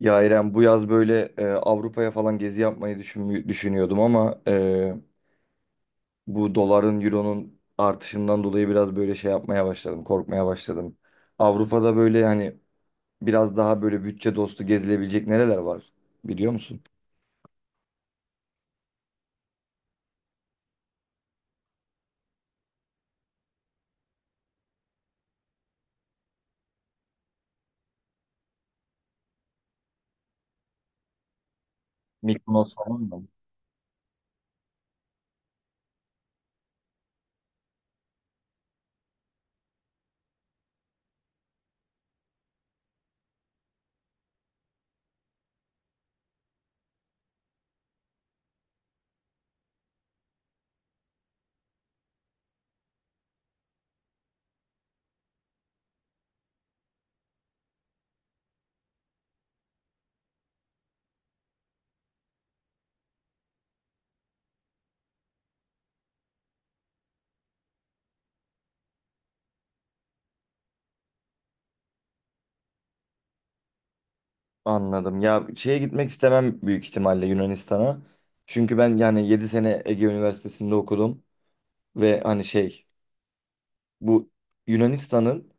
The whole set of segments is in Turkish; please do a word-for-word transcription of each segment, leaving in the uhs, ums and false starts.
Ya İrem bu yaz böyle e, Avrupa'ya falan gezi yapmayı düşün, düşünüyordum ama e, bu doların, euronun artışından dolayı biraz böyle şey yapmaya başladım, korkmaya başladım. Avrupa'da böyle hani biraz daha böyle bütçe dostu gezilebilecek nereler var biliyor musun? Mykonos falan mı? Anladım. Ya şeye gitmek istemem büyük ihtimalle Yunanistan'a. Çünkü ben yani yedi sene Ege Üniversitesi'nde okudum ve hani şey bu Yunanistan'ın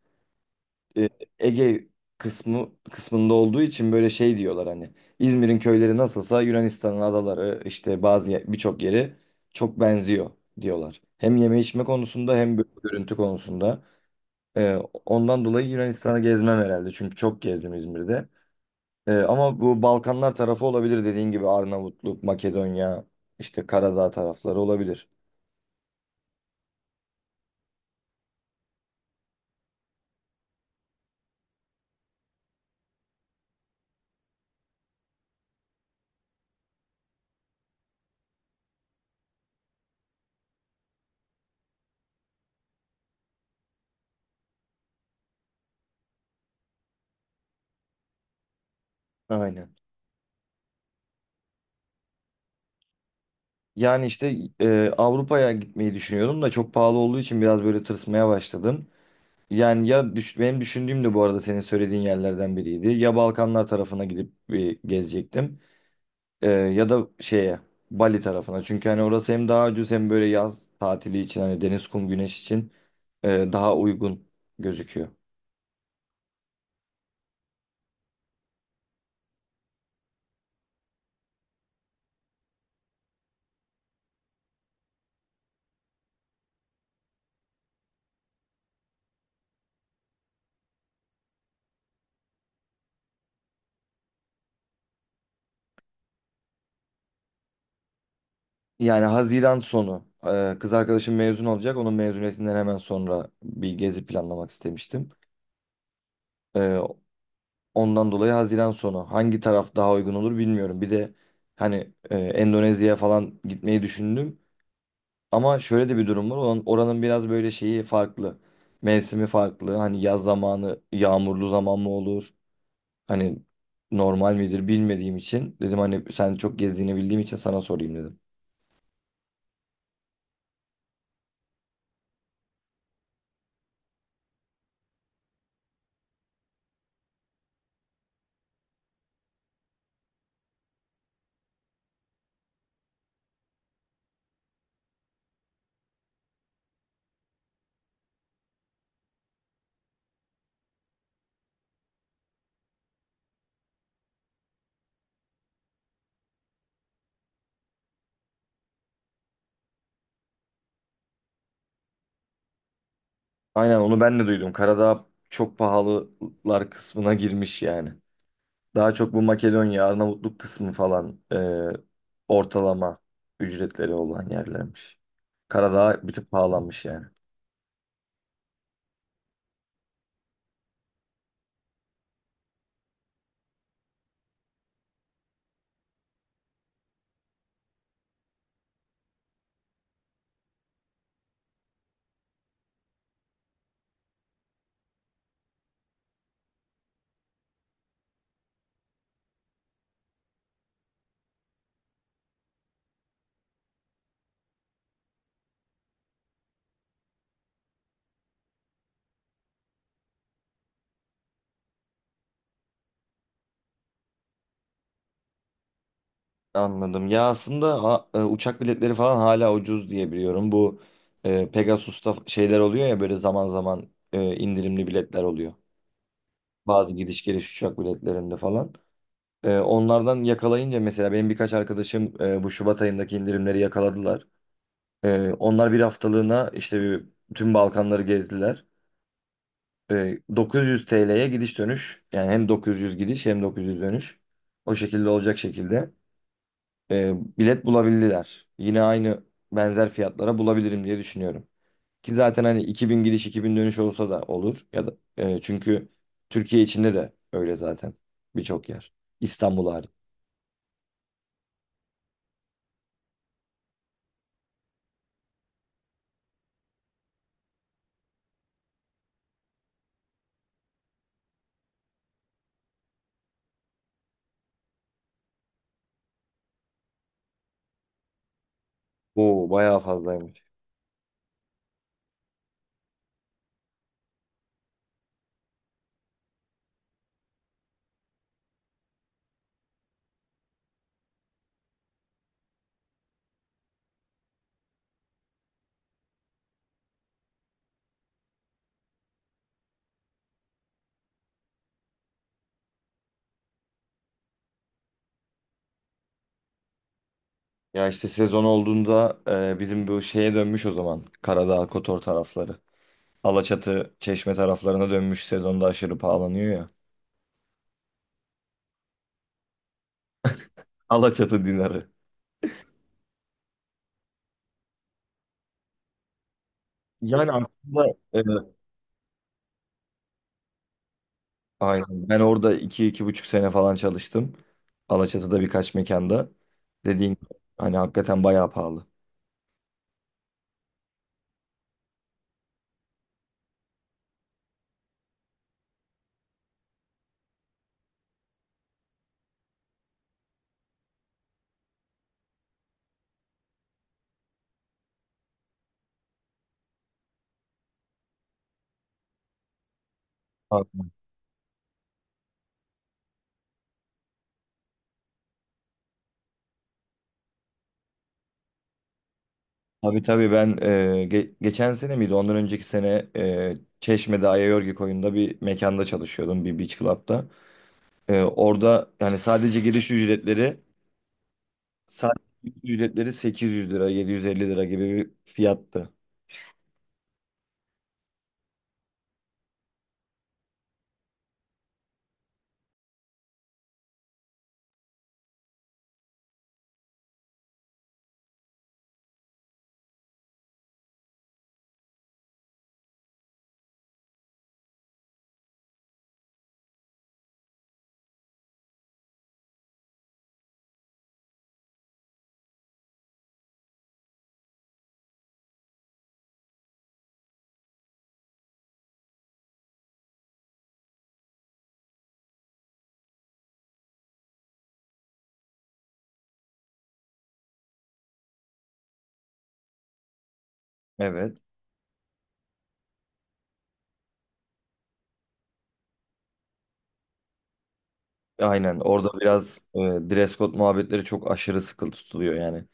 e, Ege kısmı kısmında olduğu için böyle şey diyorlar hani İzmir'in köyleri nasılsa Yunanistan'ın adaları işte bazı ye- birçok yeri çok benziyor diyorlar. Hem yeme içme konusunda hem böyle görüntü konusunda. E, Ondan dolayı Yunanistan'ı gezmem herhalde çünkü çok gezdim İzmir'de. E, ama bu Balkanlar tarafı olabilir dediğin gibi Arnavutluk, Makedonya, işte Karadağ tarafları olabilir. Aynen. Yani işte e, Avrupa'ya gitmeyi düşünüyordum da çok pahalı olduğu için biraz böyle tırsmaya başladım. Yani ya düş- benim düşündüğüm de bu arada senin söylediğin yerlerden biriydi. Ya Balkanlar tarafına gidip bir gezecektim. Ee, ya da şeye Bali tarafına. Çünkü hani orası hem daha ucuz hem böyle yaz tatili için hani deniz, kum, güneş için e, daha uygun gözüküyor. Yani Haziran sonu e, kız arkadaşım mezun olacak. Onun mezuniyetinden hemen sonra bir gezi planlamak istemiştim. E, Ondan dolayı Haziran sonu hangi taraf daha uygun olur bilmiyorum. Bir de hani e, Endonezya'ya falan gitmeyi düşündüm. Ama şöyle de bir durum var. Oranın, oranın biraz böyle şeyi farklı. Mevsimi farklı. Hani yaz zamanı yağmurlu zaman mı olur? Hani normal midir bilmediğim için. Dedim hani sen çok gezdiğini bildiğim için sana sorayım dedim. Aynen onu ben de duydum. Karadağ çok pahalılar kısmına girmiş yani. Daha çok bu Makedonya, Arnavutluk kısmı falan e, ortalama ücretleri olan yerlermiş. Karadağ bir tık pahalanmış yani. Anladım. Ya aslında a- e, uçak biletleri falan hala ucuz diye biliyorum. Bu e, Pegasus'ta şeyler oluyor ya böyle zaman zaman e, indirimli biletler oluyor. Bazı gidiş geliş uçak biletlerinde falan. E, onlardan yakalayınca mesela benim birkaç arkadaşım e, bu Şubat ayındaki indirimleri yakaladılar. E, onlar bir haftalığına işte bir, tüm Balkanları gezdiler. E, dokuz yüz T L'ye gidiş dönüş. Yani hem dokuz yüz gidiş hem dokuz yüz dönüş. O şekilde olacak şekilde. E, bilet bulabildiler. Yine aynı benzer fiyatlara bulabilirim diye düşünüyorum. Ki zaten hani iki bin gidiş iki bin dönüş olsa da olur ya da e, çünkü Türkiye içinde de öyle zaten birçok yer. İstanbul hariç. Oo bayağı fazlaymış. Ya işte sezon olduğunda e, bizim bu şeye dönmüş o zaman. Karadağ, Kotor tarafları. Alaçatı, Çeşme taraflarına dönmüş sezonda aşırı pahalanıyor ya. Alaçatı dinarı. Yani aslında evet. Aynen. Ben orada iki, iki buçuk sene falan çalıştım. Alaçatı'da birkaç mekanda. Dediğin gibi, hani hakikaten bayağı pahalı. Aynen. Tabii tabii ben e, ge- geçen sene miydi ondan önceki sene e, Çeşme'de Ayayorgi koyunda bir mekanda çalışıyordum bir beach club'da. E, orada yani sadece giriş ücretleri sadece giriş ücretleri sekiz yüz lira yedi yüz elli lira gibi bir fiyattı. Evet. Aynen orada biraz e, dress code muhabbetleri çok aşırı sıkı tutuluyor yani.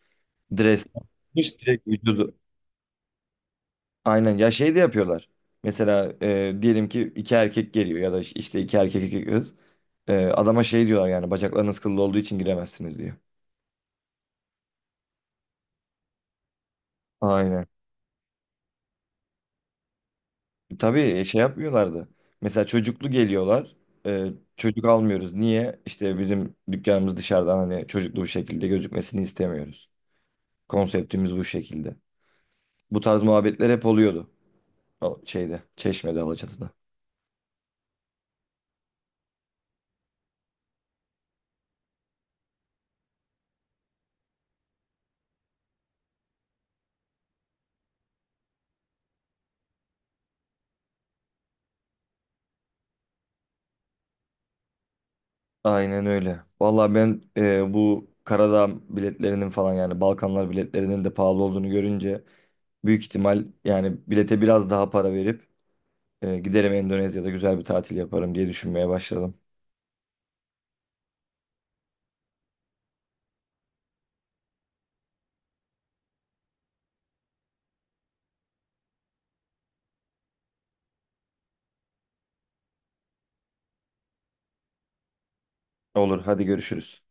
Dress yapmış direkt vücudu. Aynen ya şey de yapıyorlar. Mesela e, diyelim ki iki erkek geliyor ya da işte iki erkek iki kız. E, adama şey diyorlar yani bacaklarınız kıllı olduğu için giremezsiniz diyor. Aynen. Tabii e, şey yapmıyorlardı. Mesela çocuklu geliyorlar. E, Çocuk almıyoruz. Niye? İşte bizim dükkanımız dışarıdan hani çocuklu bir şekilde gözükmesini istemiyoruz. Konseptimiz bu şekilde. Bu tarz muhabbetler hep oluyordu. O şeyde, Çeşme'de, Alaçatı'da. Aynen öyle. Vallahi ben e, bu Karadağ biletlerinin falan yani Balkanlar biletlerinin de pahalı olduğunu görünce büyük ihtimal yani bilete biraz daha para verip e, giderim Endonezya'da güzel bir tatil yaparım diye düşünmeye başladım. Olur, hadi görüşürüz.